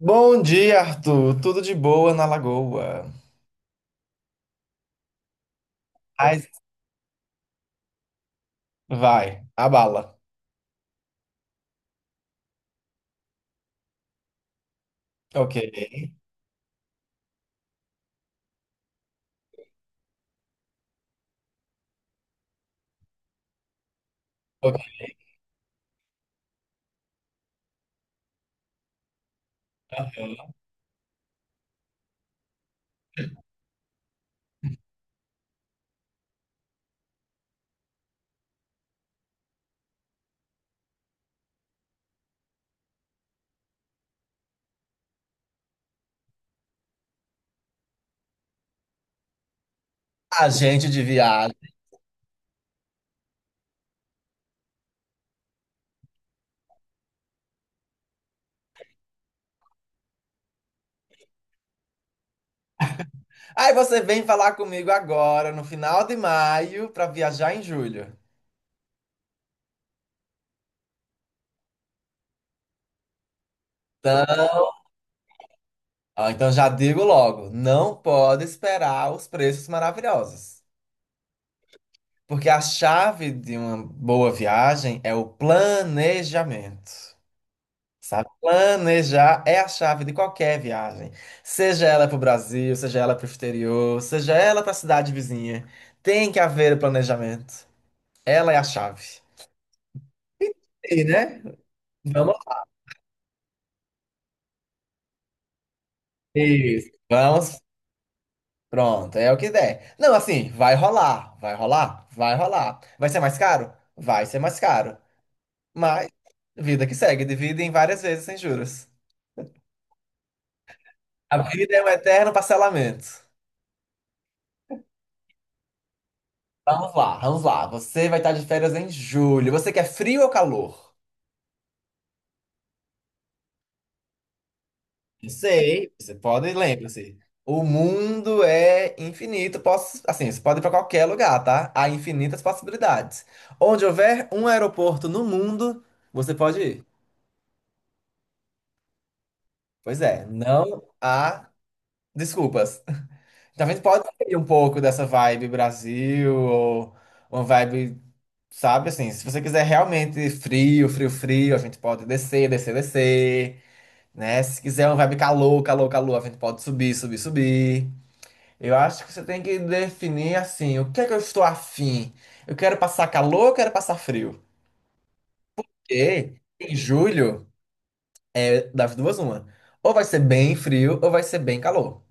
Bom dia, Arthur. Tudo de boa na Lagoa. Ai, vai, a bala. Ok, ok. Agente de viagem. Aí você vem falar comigo agora, no final de maio, para viajar em julho. Então, ó, então já digo logo, não pode esperar os preços maravilhosos. Porque a chave de uma boa viagem é o planejamento. Sabe? Planejar é a chave de qualquer viagem. Seja ela para o Brasil, seja ela para o exterior, seja ela para a cidade vizinha. Tem que haver o planejamento. Ela é a chave. E, né? Vamos. Isso. Vamos. Pronto, é o que der. Não, assim, vai rolar, vai rolar, vai rolar. Vai ser mais caro? Vai ser mais caro. Mas, vida que segue, divide em várias vezes sem juros. A vida é um eterno parcelamento. Vamos lá, vamos lá. Você vai estar de férias em julho. Você quer frio ou calor? Não sei, você pode, lembre-se. O mundo é infinito. Posso, assim, você pode ir para qualquer lugar, tá? Há infinitas possibilidades. Onde houver um aeroporto no mundo, você pode ir. Pois é, não há desculpas. Então a gente pode ir um pouco dessa vibe Brasil ou uma vibe, sabe assim, se você quiser realmente frio, frio, frio, a gente pode descer, descer, descer. Né? Se quiser uma vibe calor, calor, calor, a gente pode subir, subir, subir. Eu acho que você tem que definir assim, o que é que eu estou afim? Eu quero passar calor, eu quero passar frio. E em julho, é das duas, uma. Ou vai ser bem frio, ou vai ser bem calor.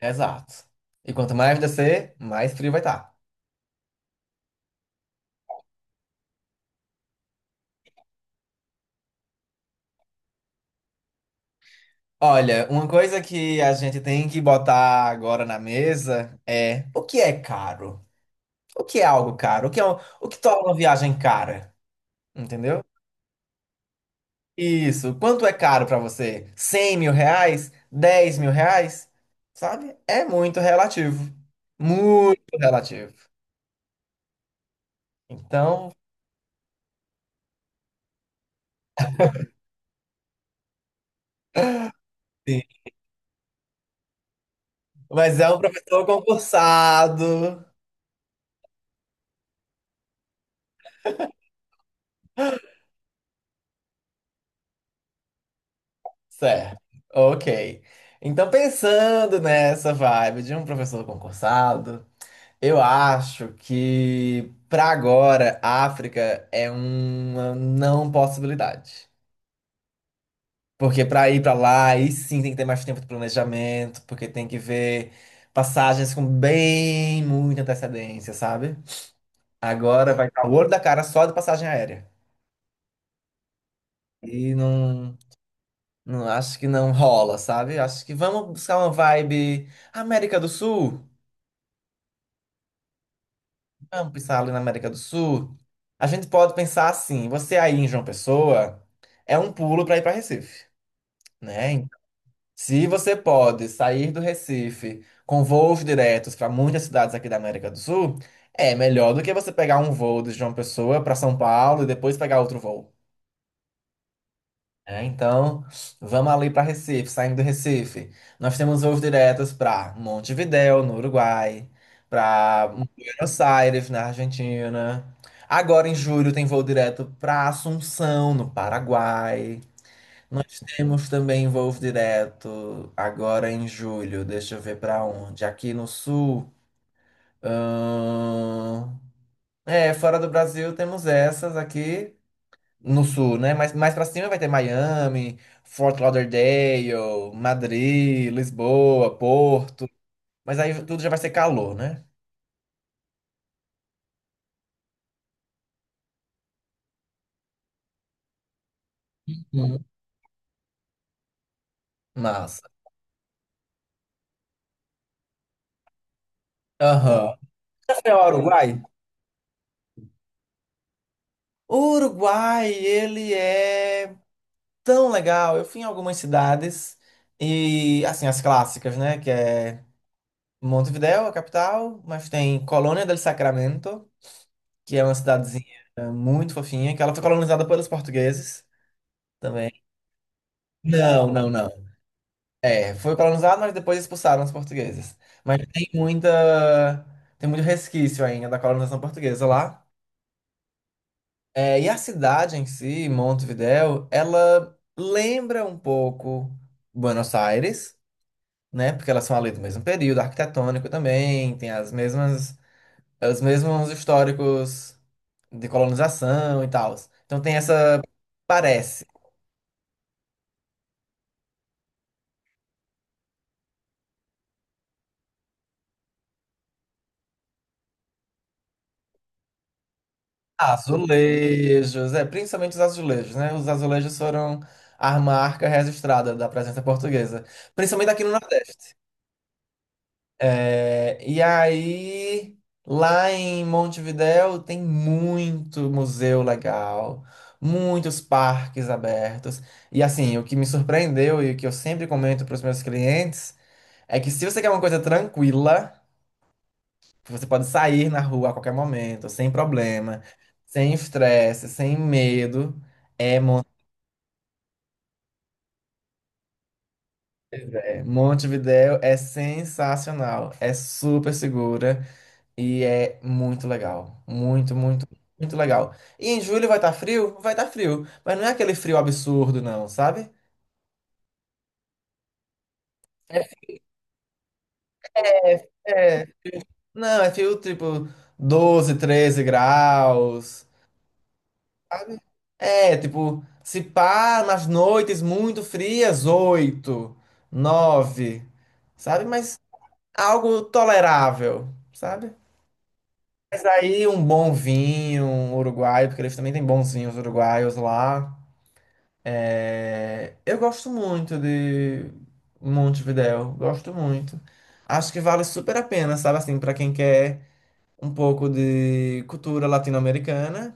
Exato. E quanto mais descer, mais frio vai estar. Olha, uma coisa que a gente tem que botar agora na mesa é o que é caro? O que é algo caro? O que é o que torna uma viagem cara? Entendeu? Isso. Quanto é caro pra você? R$ 100.000? R$ 10.000? Sabe? É muito relativo. Muito relativo. Então, sim. Mas é um professor concursado. Certo. Ok. Então, pensando nessa vibe de um professor concursado, eu acho que pra agora, África é uma não possibilidade. Porque para ir para lá, aí sim tem que ter mais tempo de planejamento, porque tem que ver passagens com bem muita antecedência, sabe? Agora vai estar o olho da cara só de passagem aérea. E não, não acho que não rola, sabe? Acho que vamos buscar uma vibe América do Sul. Vamos pensar ali na América do Sul. A gente pode pensar assim, você aí em João Pessoa é um pulo para ir para Recife, né? Se você pode sair do Recife com voos diretos para muitas cidades aqui da América do Sul, é melhor do que você pegar um voo de João Pessoa para São Paulo e depois pegar outro voo. É, então, vamos ali para Recife, saindo do Recife. Nós temos voos diretos para Montevidéu, no Uruguai, para Buenos Aires, na Argentina. Agora, em julho, tem voo direto para Assunção, no Paraguai. Nós temos também voo direto agora em julho. Deixa eu ver para onde. Aqui no sul. ahn, É, fora do Brasil temos essas aqui no sul, né? Mas mais para cima vai ter Miami, Fort Lauderdale, Madrid, Lisboa, Porto. Mas aí tudo já vai ser calor, né? Uhum. Massa. Aham. Qual é o Uruguai? O Uruguai, ele é tão legal. Eu fui em algumas cidades e, assim, as clássicas, né? Que é Montevidéu, a capital, mas tem Colônia del Sacramento, que é uma cidadezinha muito fofinha, que ela foi colonizada pelos portugueses também. Não, não, não. É, foi colonizada, mas depois expulsaram os portugueses. Mas tem muito resquício ainda da colonização portuguesa lá. É, e a cidade em si, Montevidéu, ela lembra um pouco Buenos Aires. Né? Porque elas são ali do mesmo período arquitetônico também, tem as mesmas, os mesmos históricos de colonização e tal. Então tem essa, parece, azulejos, é, principalmente os azulejos, né? Os azulejos foram a marca registrada da presença portuguesa, principalmente aqui no Nordeste. É, e aí, lá em Montevidéu tem muito museu legal, muitos parques abertos. E assim, o que me surpreendeu e o que eu sempre comento para os meus clientes é que se você quer uma coisa tranquila, que você pode sair na rua a qualquer momento, sem problema, sem estresse, sem medo, é Mon- é Montevidéu é sensacional, é super segura. E é muito legal. Muito, muito, muito legal. E em julho vai estar frio? Vai estar frio. Mas não é aquele frio absurdo, não, sabe? É. Não, é frio tipo 12, 13 graus. Sabe? É, tipo, se pá, nas noites muito frias, 8 9 sabe? Mas algo tolerável, sabe? Mas aí um bom vinho um uruguaio, porque eles também têm bons vinhos uruguaios lá. É, eu gosto muito de Montevidéu, gosto muito. Acho que vale super a pena, sabe assim, para quem quer um pouco de cultura latino-americana,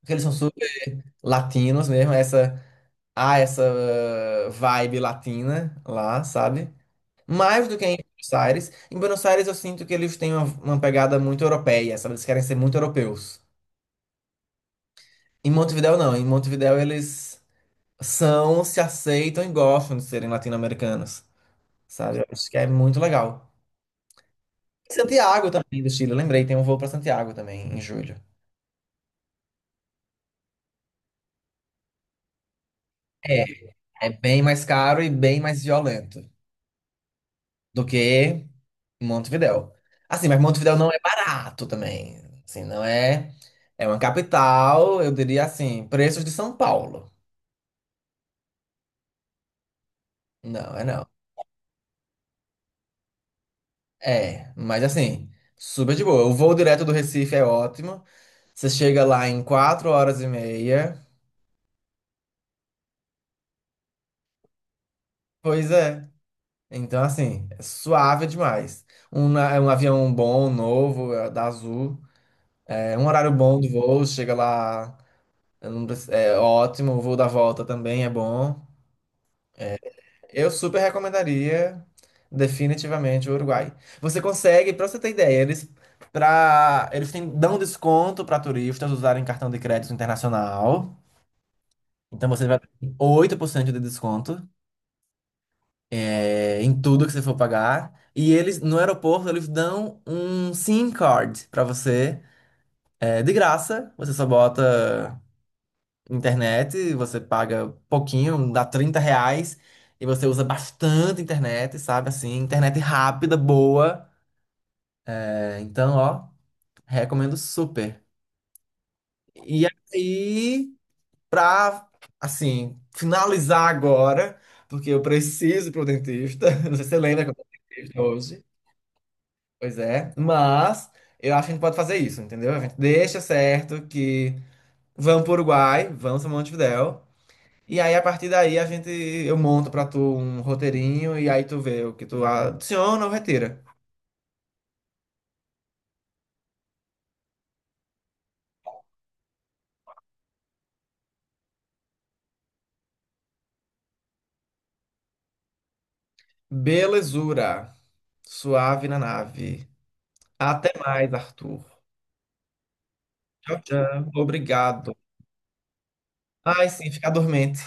porque eles são super latinos mesmo, essa há essa vibe latina lá, sabe? Mais do que em Buenos Aires. Em Buenos Aires eu sinto que eles têm uma pegada muito europeia, sabe? Eles querem ser muito europeus. Em Montevidéu não, em Montevidéu eles são, se aceitam e gostam de serem latino-americanos. Sabe? Eu acho que é muito legal. Santiago também, do Chile, eu lembrei, tem um voo para Santiago também, em julho. É, é bem mais caro e bem mais violento do que Montevidéu. Assim, mas Montevidéu não é barato também. Assim, não é. É uma capital, eu diria assim, preços de São Paulo. Não, é não. É, mas assim, super de boa. O voo direto do Recife é ótimo. Você chega lá em quatro horas e meia. Pois é. Então, assim, é suave demais. É um avião bom, novo, é da Azul. É um horário bom do voo, chega lá, eu não preci- é ótimo. O voo da volta também é bom. Eu super recomendaria, definitivamente, o Uruguai. Você consegue, pra você ter ideia, eles, eles têm, dão desconto para turistas usarem cartão de crédito internacional. Então, você vai ter 8% de desconto, é, em tudo que você for pagar. E eles, no aeroporto, eles dão um SIM card pra você, é, de graça. Você só bota internet, você paga pouquinho, dá R$ 30. E você usa bastante internet, sabe? Assim, internet rápida, boa. É, então, ó, recomendo super. E aí, pra, assim, finalizar agora, porque eu preciso ir pro dentista. Não sei se você lembra que eu fui pro dentista hoje. Pois é, mas eu acho que a gente pode fazer isso, entendeu? A gente deixa certo que vamos pro Uruguai, vamos para Montevidéu, e aí a partir daí a gente eu monto pra tu um roteirinho e aí tu vê o que tu adiciona ou retira. Belezura, suave na nave. Até mais, Arthur. Tchau, tchau. Obrigado. Ai, sim, fica dormente.